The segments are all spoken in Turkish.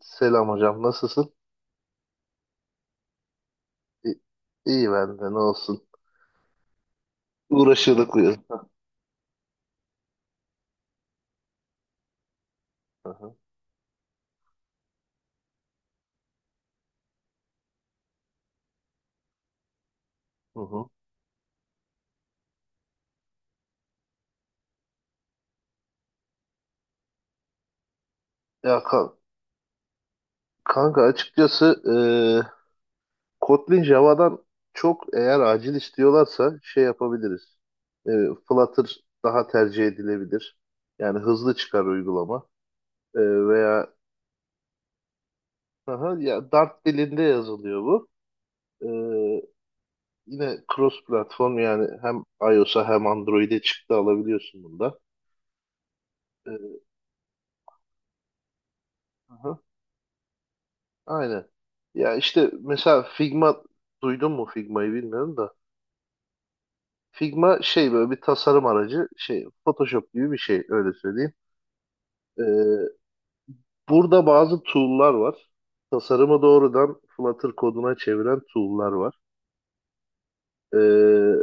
Selam hocam, nasılsın? İyi, iyi ben de, ne olsun. Uğraşıyorduk uyuyorduk. Hı hı, hı hı. Ya kan- kanka açıkçası, e, Kotlin Java'dan çok eğer acil istiyorlarsa şey yapabiliriz. E, Flutter daha tercih edilebilir. Yani hızlı çıkar uygulama. Veya hı hı, ya Dart dilinde yazılıyor bu. E, Yine cross platform yani hem iOS'a hem Android'e çıktı alabiliyorsun bunda. E, hı hı. Aynen. Ya işte mesela Figma duydun mu Figma'yı bilmiyorum da. Figma şey böyle bir tasarım aracı şey Photoshop gibi bir şey öyle söyleyeyim. Ee, Burada bazı tool'lar var. Tasarımı doğrudan Flutter koduna çeviren tool'lar var. Ee,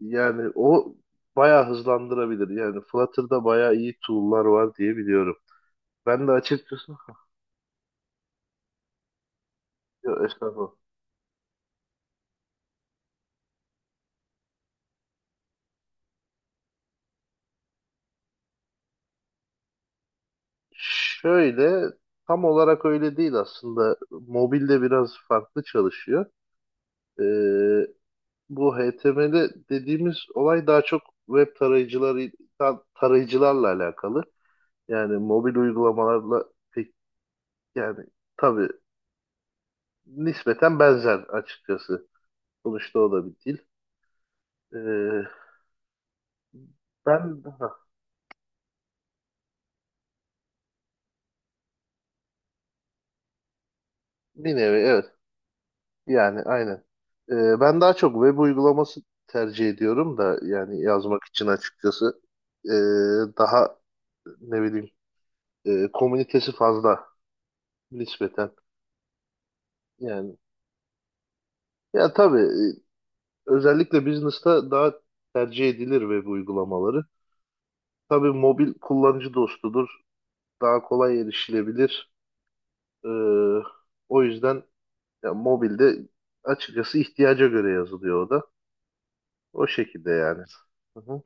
Yani o bayağı hızlandırabilir. Yani Flutter'da bayağı iyi tool'lar var diye biliyorum. Ben de açıkçası. Yok, estağfurullah. Şöyle tam olarak öyle değil aslında. Mobilde biraz farklı çalışıyor. Ee, Bu HTML dediğimiz olay daha çok web tarayıcıları tarayıcılarla alakalı. Yani mobil uygulamalarla pek, yani tabii nispeten benzer açıkçası. Sonuçta o da bir dil. Ee, ben ha, bir nevi evet, yani aynen. Ben daha çok web uygulaması tercih ediyorum da, yani yazmak için açıkçası. Ee, Daha ne bileyim, komünitesi fazla nispeten yani. Ya tabii özellikle business'ta daha tercih edilir ve bu uygulamaları. Tabii mobil kullanıcı dostudur. Daha kolay erişilebilir. Ee, O yüzden ya, mobilde açıkçası ihtiyaca göre yazılıyor o da. O şekilde yani. Hı hı.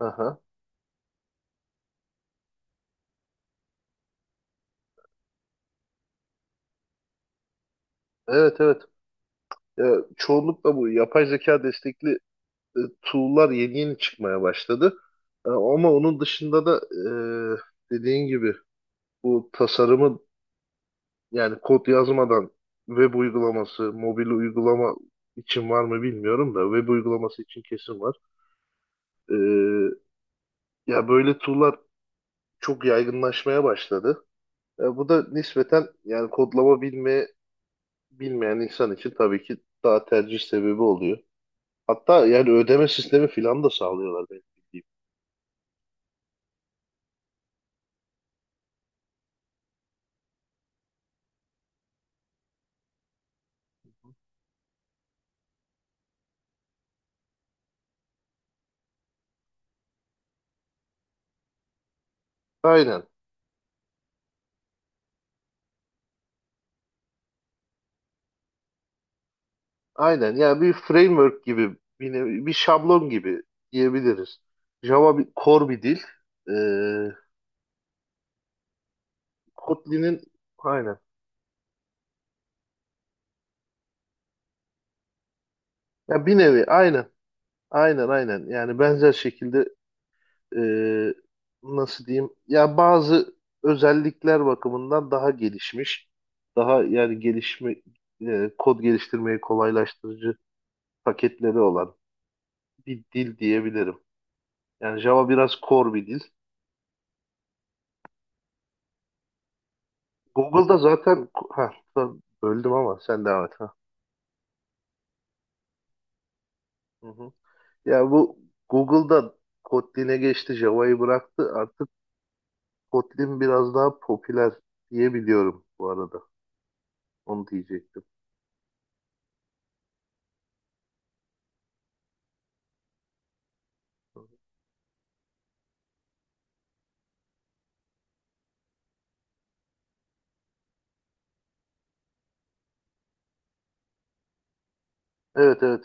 Aha. Evet evet. Ya, çoğunlukla bu yapay zeka destekli tool'lar yeni yeni çıkmaya başladı. Ama onun dışında da, dediğin gibi bu tasarımı, yani kod yazmadan web uygulaması, mobil uygulama için var mı bilmiyorum da web uygulaması için kesin var. Ee, Ya böyle tool'lar çok yaygınlaşmaya başladı. Ya bu da nispeten yani kodlama bilme bilmeyen insan için tabii ki daha tercih sebebi oluyor. Hatta yani ödeme sistemi filan da sağlıyorlar benim bildiğim. Aynen. Aynen. Yani bir framework gibi, bir, bir şablon gibi diyebiliriz. Java bir core bir dil. Ee, Kotlin'in aynen. Ya bir nevi aynen. Aynen aynen. Yani benzer şekilde, e, nasıl diyeyim? Ya bazı özellikler bakımından daha gelişmiş. Daha yani gelişme, kod geliştirmeyi kolaylaştırıcı paketleri olan bir dil diyebilirim. Yani Java biraz core bir dil. Google'da zaten ha pardon, böldüm ama sen devam et. Ha. Hı hı. Ya bu Google'da Kotlin'e geçti, Java'yı bıraktı. Artık Kotlin biraz daha popüler diye biliyorum bu arada. Onu diyecektim. Evet evet.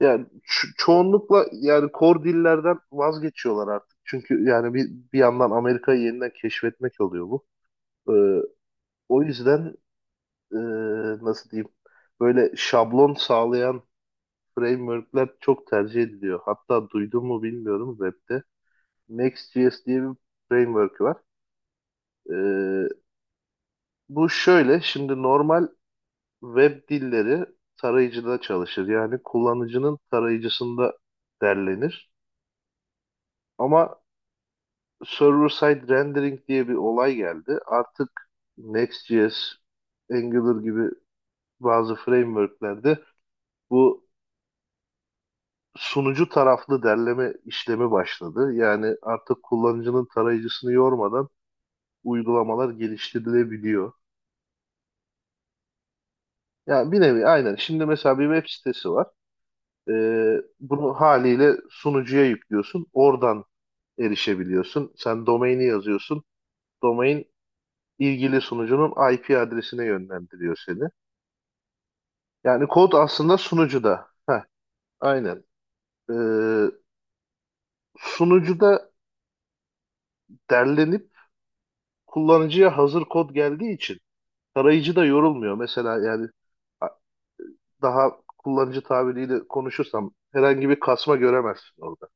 Yani çoğunlukla yani core dillerden vazgeçiyorlar artık. Çünkü yani bir, bir yandan Amerika'yı yeniden keşfetmek oluyor bu. Ee, O yüzden ee, nasıl diyeyim, böyle şablon sağlayan frameworkler çok tercih ediliyor. Hatta duydun mu bilmiyorum webde. Next.js diye bir framework var. Ee, Bu şöyle, şimdi normal web dilleri tarayıcıda çalışır. Yani kullanıcının tarayıcısında derlenir. Ama server side rendering diye bir olay geldi. Artık Next.js, Angular gibi bazı frameworklerde bu sunucu taraflı derleme işlemi başladı. Yani artık kullanıcının tarayıcısını yormadan uygulamalar geliştirilebiliyor. Yani bir nevi aynen. Şimdi mesela bir web sitesi var. Bunu haliyle sunucuya yüklüyorsun. Oradan erişebiliyorsun. Sen domaini yazıyorsun. Domain ilgili sunucunun IP adresine yönlendiriyor seni. Yani kod aslında sunucuda. Heh, aynen. Ee, Sunucuda derlenip kullanıcıya hazır kod geldiği için tarayıcı da yorulmuyor. Mesela yani daha kullanıcı tabiriyle konuşursam herhangi bir kasma göremezsin orada.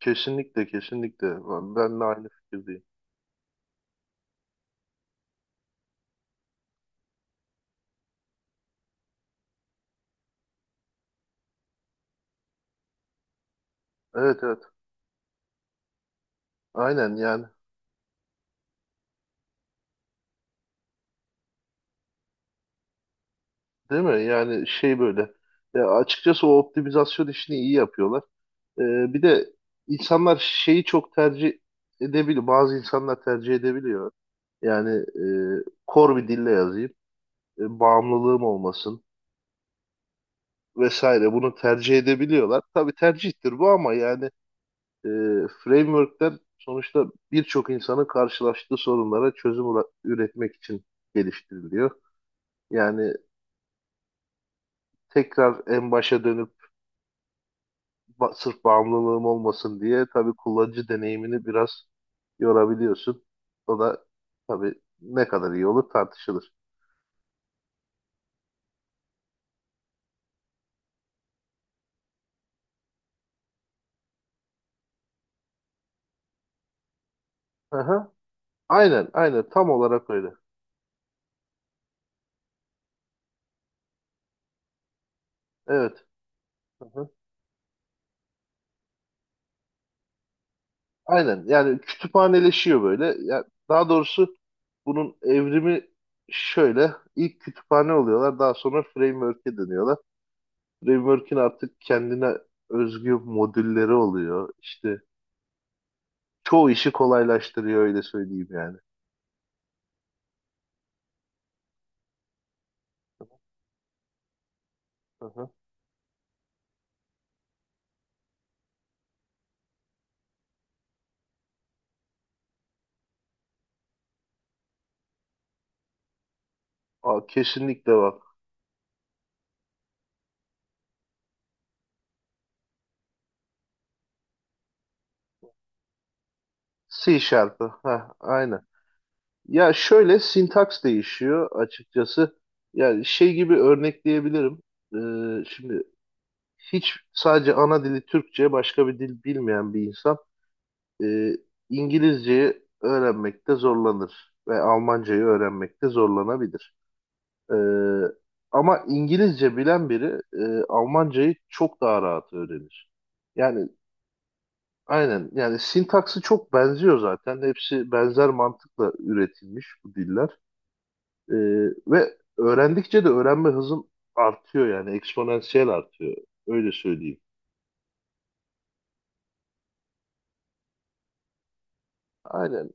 Kesinlikle kesinlikle. Ben de aynı fikirdeyim. Evet evet. Aynen yani. Değil mi? Yani şey böyle. Ya açıkçası o optimizasyon işini iyi yapıyorlar. Ee, Bir de insanlar şeyi çok tercih edebiliyor. Bazı insanlar tercih edebiliyor. Yani kor bir dille yazayım, bağımlılığım olmasın vesaire. Bunu tercih edebiliyorlar. Tabii tercihtir bu ama yani, e, frameworkler sonuçta birçok insanın karşılaştığı sorunlara çözüm üretmek için geliştiriliyor. Yani tekrar en başa dönüp sırf bağımlılığım olmasın diye tabii kullanıcı deneyimini biraz yorabiliyorsun. O da tabii ne kadar iyi olur tartışılır. Aha. Aynen, aynen tam olarak öyle. Evet. Aha. Aynen. Yani kütüphaneleşiyor böyle. Ya daha doğrusu bunun evrimi şöyle. İlk kütüphane oluyorlar, daha sonra framework'e dönüyorlar. Framework'in artık kendine özgü modülleri oluyor. İşte çoğu işi kolaylaştırıyor öyle söyleyeyim yani. Aha. Aa, kesinlikle bak. C Sharp'ı. Ha, aynen. Ya şöyle sintaks değişiyor açıkçası. Yani şey gibi örnekleyebilirim. Şimdi hiç sadece ana dili Türkçe başka bir dil bilmeyen bir insan, e, İngilizceyi öğrenmekte zorlanır ve Almancayı öğrenmekte zorlanabilir. Ee, Ama İngilizce bilen biri, Almancayı çok daha rahat öğrenir. Yani aynen yani, sintaksı çok benziyor zaten. Hepsi benzer mantıkla üretilmiş bu diller. Ee, Ve öğrendikçe de öğrenme hızın artıyor, yani eksponansiyel artıyor. Öyle söyleyeyim. Aynen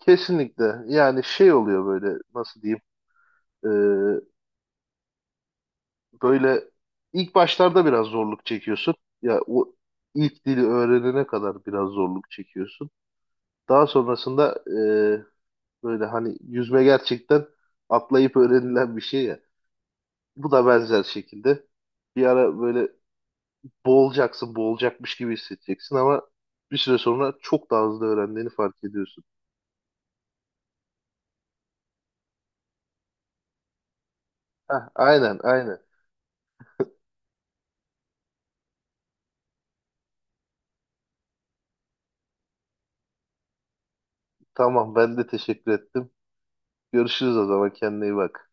kesinlikle, yani şey oluyor böyle, nasıl diyeyim. Ee, Böyle ilk başlarda biraz zorluk çekiyorsun. Ya o ilk dili öğrenene kadar biraz zorluk çekiyorsun. Daha sonrasında, böyle hani yüzme gerçekten atlayıp öğrenilen bir şey. Bu da benzer şekilde, bir ara böyle boğulacaksın, boğulacakmış gibi hissedeceksin ama bir süre sonra çok daha hızlı öğrendiğini fark ediyorsun. Heh, aynen, aynen. Tamam, ben de teşekkür ettim. Görüşürüz o zaman, kendine iyi bak.